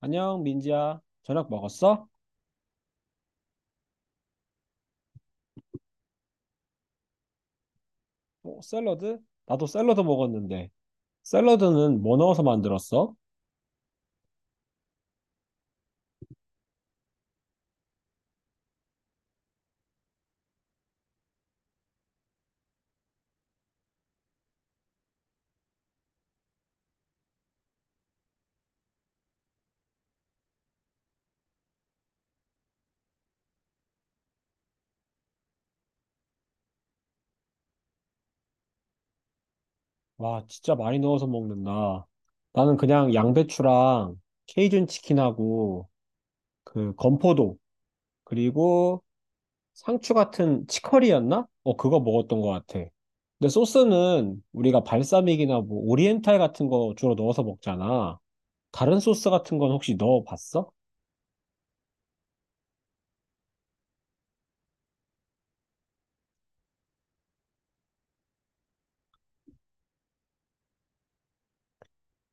안녕, 민지야. 저녁 먹었어? 어, 샐러드? 나도 샐러드 먹었는데. 샐러드는 뭐 넣어서 만들었어? 와, 진짜 많이 넣어서 먹는다. 나는 그냥 양배추랑 케이준 치킨하고 그 건포도 그리고 상추 같은 치커리였나? 어, 그거 먹었던 것 같아. 근데 소스는 우리가 발사믹이나 뭐 오리엔탈 같은 거 주로 넣어서 먹잖아. 다른 소스 같은 건 혹시 넣어봤어?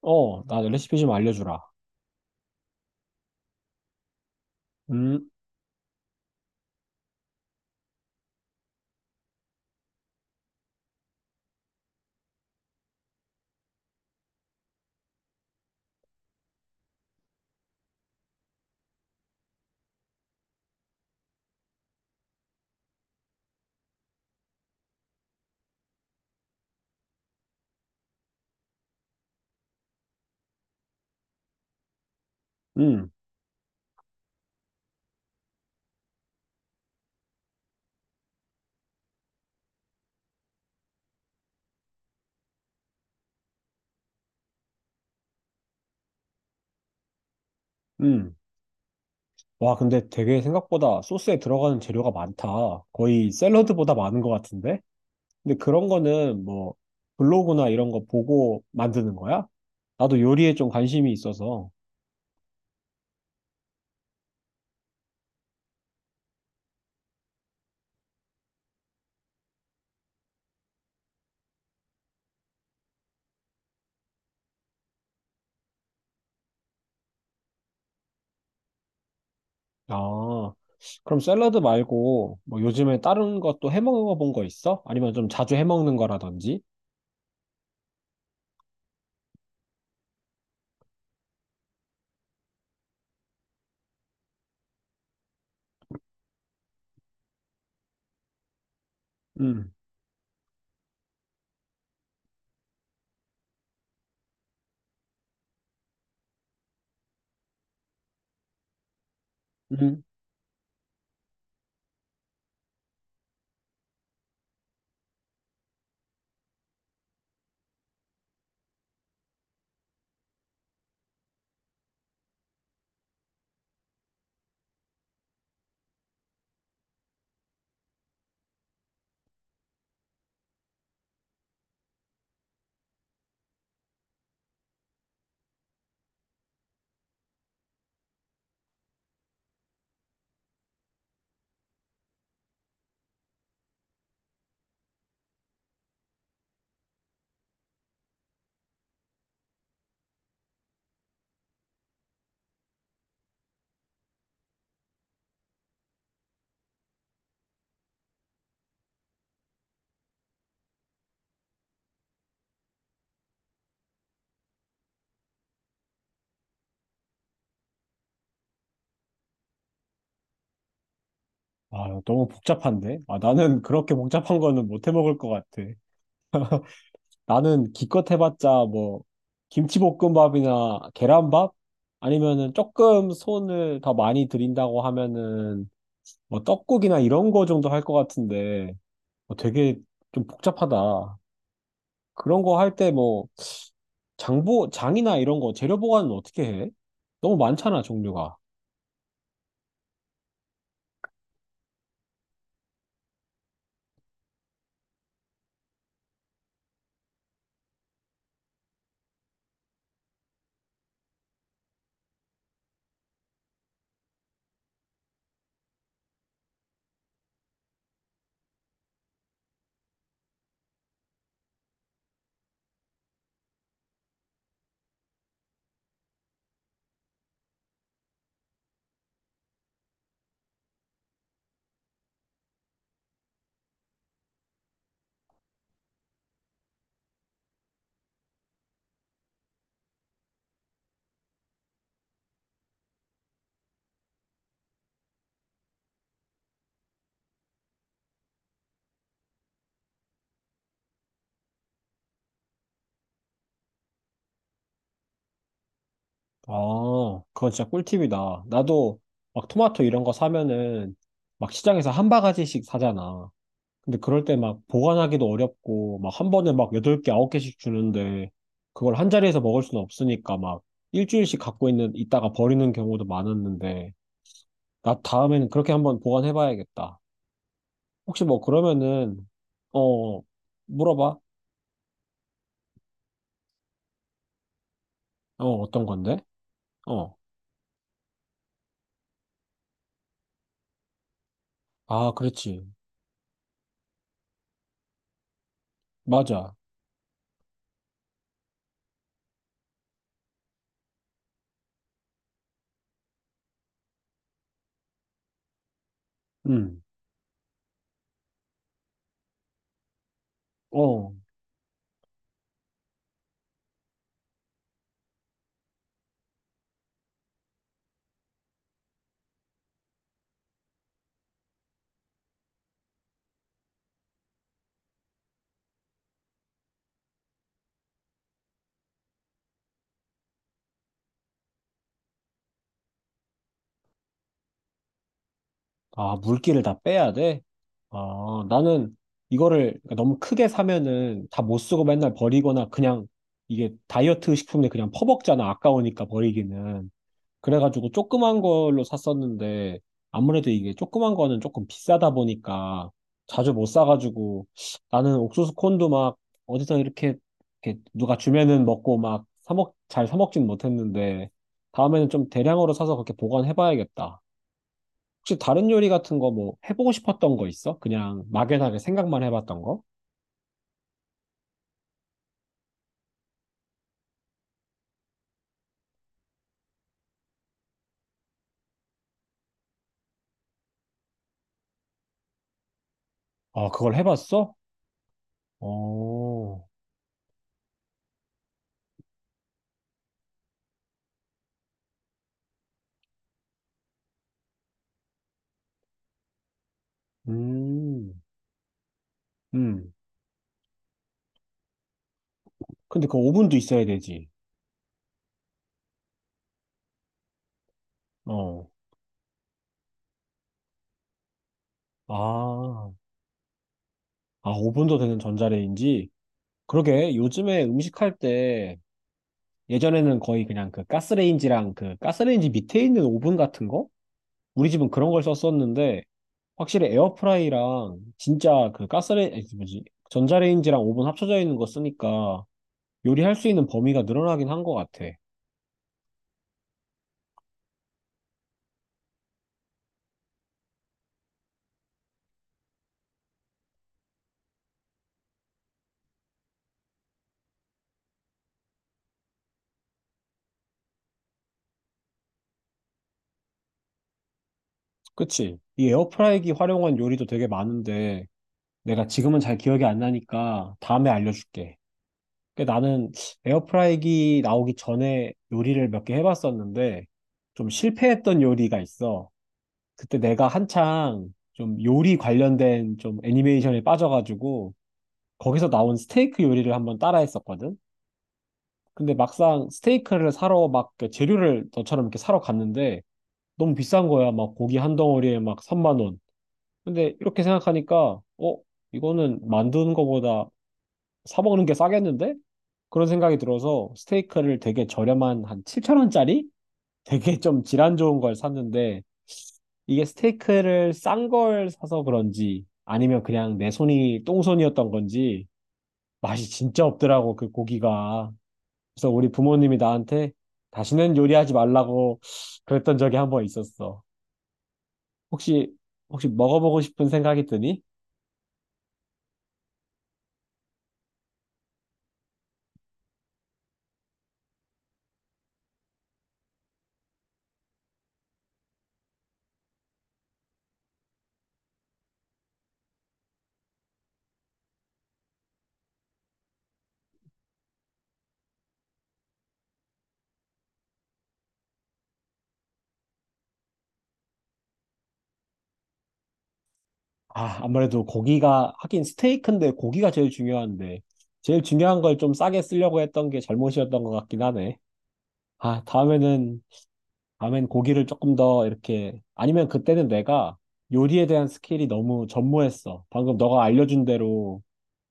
어, 나 레시피 좀 알려주라. 음, 음, 음. 와, 근데 되게 생각보다 소스에 들어가는 재료가 많다. 거의 샐러드보다 많은 것 같은데? 근데 그런 거는 뭐 블로그나 이런 거 보고 만드는 거야? 나도 요리에 좀 관심이 있어서. 아, 그럼 샐러드 말고 뭐 요즘에 다른 것도 해 먹어본 거 있어? 아니면 좀 자주 해 먹는 거라든지? 음, 음, 아, 너무 복잡한데? 아, 나는 그렇게 복잡한 거는 못 해 먹을 것 같아. 나는 기껏 해봤자 뭐 김치볶음밥이나 계란밥? 아니면은 조금 손을 더 많이 들인다고 하면은 뭐 떡국이나 이런 거 정도 할 것 같은데 어, 되게 좀 복잡하다. 그런 거 할 때 뭐 장이나 이런 거 재료 보관은 어떻게 해? 너무 많잖아, 종류가. 아, 그건 진짜 꿀팁이다. 나도 막 토마토 이런 거 사면은 막 시장에서 한 바가지씩 사잖아. 근데 그럴 때 막 보관하기도 어렵고 막 한 번에 막 8개, 9개씩 주는데 그걸 한 자리에서 먹을 수는 없으니까 막 일주일씩 갖고 있다가 버리는 경우도 많았는데 나 다음에는 그렇게 한번 보관해 봐야겠다. 혹시 뭐 그러면은, 어, 물어봐. 어, 어떤 건데? 어. 아, 그렇지. 맞아. 음. 어. 아, 물기를 다 빼야 돼? 아, 나는 이거를 그러니까 너무 크게 사면은 다 못 쓰고 맨날 버리거나 그냥 이게 다이어트 식품에 그냥 퍼먹잖아. 아까우니까 버리기는. 그래가지고 조그만 걸로 샀었는데 아무래도 이게 조그만 거는 조금 비싸다 보니까 자주 못 사가지고 나는 옥수수 콘도 막 어디서 이렇게, 이렇게 누가 주면은 먹고 막 잘 사먹진 못했는데 다음에는 좀 대량으로 사서 그렇게 보관해봐야겠다. 혹시 다른 요리 같은 거 뭐 해보고 싶었던 거 있어? 그냥 막연하게 생각만 해봤던 거? 아, 그걸 해봤어? 어, 음, 음. 근데 그 오븐도 있어야 되지. 어, 아, 오븐도 되는 전자레인지? 그러게, 요즘에 음식할 때 예전에는 거의 그냥 그 가스레인지랑 그 가스레인지 밑에 있는 오븐 같은 거? 우리 집은 그런 걸 썼었는데, 확실히 에어프라이랑 진짜 그 가스레인지, 뭐지? 전자레인지랑 오븐 합쳐져 있는 거 쓰니까 요리할 수 있는 범위가 늘어나긴 한 것 같아. 그치? 이 에어프라이기 활용한 요리도 되게 많은데, 내가 지금은 잘 기억이 안 나니까 다음에 알려줄게. 근데 나는 에어프라이기 나오기 전에 요리를 몇 개 해봤었는데, 좀 실패했던 요리가 있어. 그때 내가 한창 좀 요리 관련된 좀 애니메이션에 빠져가지고, 거기서 나온 스테이크 요리를 한번 따라 했었거든? 근데 막상 스테이크를 사러 막그 재료를 너처럼 이렇게 사러 갔는데, 너무 비싼 거야. 막 고기 한 덩어리에 막 3만 원. 근데 이렇게 생각하니까, 어, 이거는 만드는 거보다 사 먹는 게 싸겠는데? 그런 생각이 들어서 스테이크를 되게 저렴한 한 7천 원짜리? 되게 좀 질환 좋은 걸 샀는데, 이게 스테이크를 싼 걸 사서 그런지, 아니면 그냥 내 손이 똥손이었던 건지, 맛이 진짜 없더라고, 그 고기가. 그래서 우리 부모님이 나한테 다시는 요리하지 말라고 그랬던 적이 한 번 있었어. 혹시, 혹시 먹어보고 싶은 생각이 드니? 아, 아무래도 고기가, 하긴 스테이크인데 고기가 제일 중요한데, 제일 중요한 걸 좀 싸게 쓰려고 했던 게 잘못이었던 것 같긴 하네. 아, 다음엔 고기를 조금 더 이렇게, 아니면 그때는 내가 요리에 대한 스킬이 너무 전무했어. 방금 너가 알려준 대로,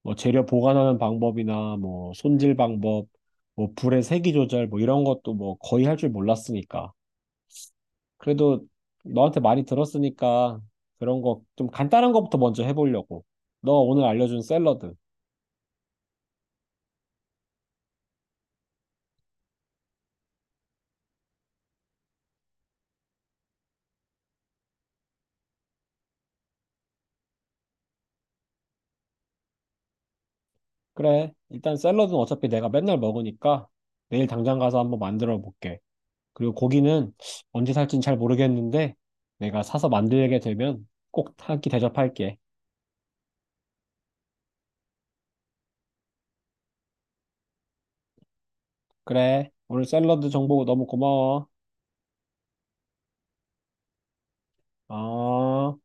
뭐 재료 보관하는 방법이나, 뭐 손질 방법, 뭐 불의 세기 조절, 뭐 이런 것도 뭐 거의 할 줄 몰랐으니까. 그래도 너한테 많이 들었으니까 그런 거 좀 간단한 거부터 먼저 해보려고. 너 오늘 알려준 샐러드. 그래. 일단 샐러드는 어차피 내가 맨날 먹으니까 내일 당장 가서 한번 만들어 볼게. 그리고 고기는 언제 살진 잘 모르겠는데 내가 사서 만들게 되면 꼭 한 끼 대접할게. 그래. 오늘 샐러드 정보 너무 고마워. 어.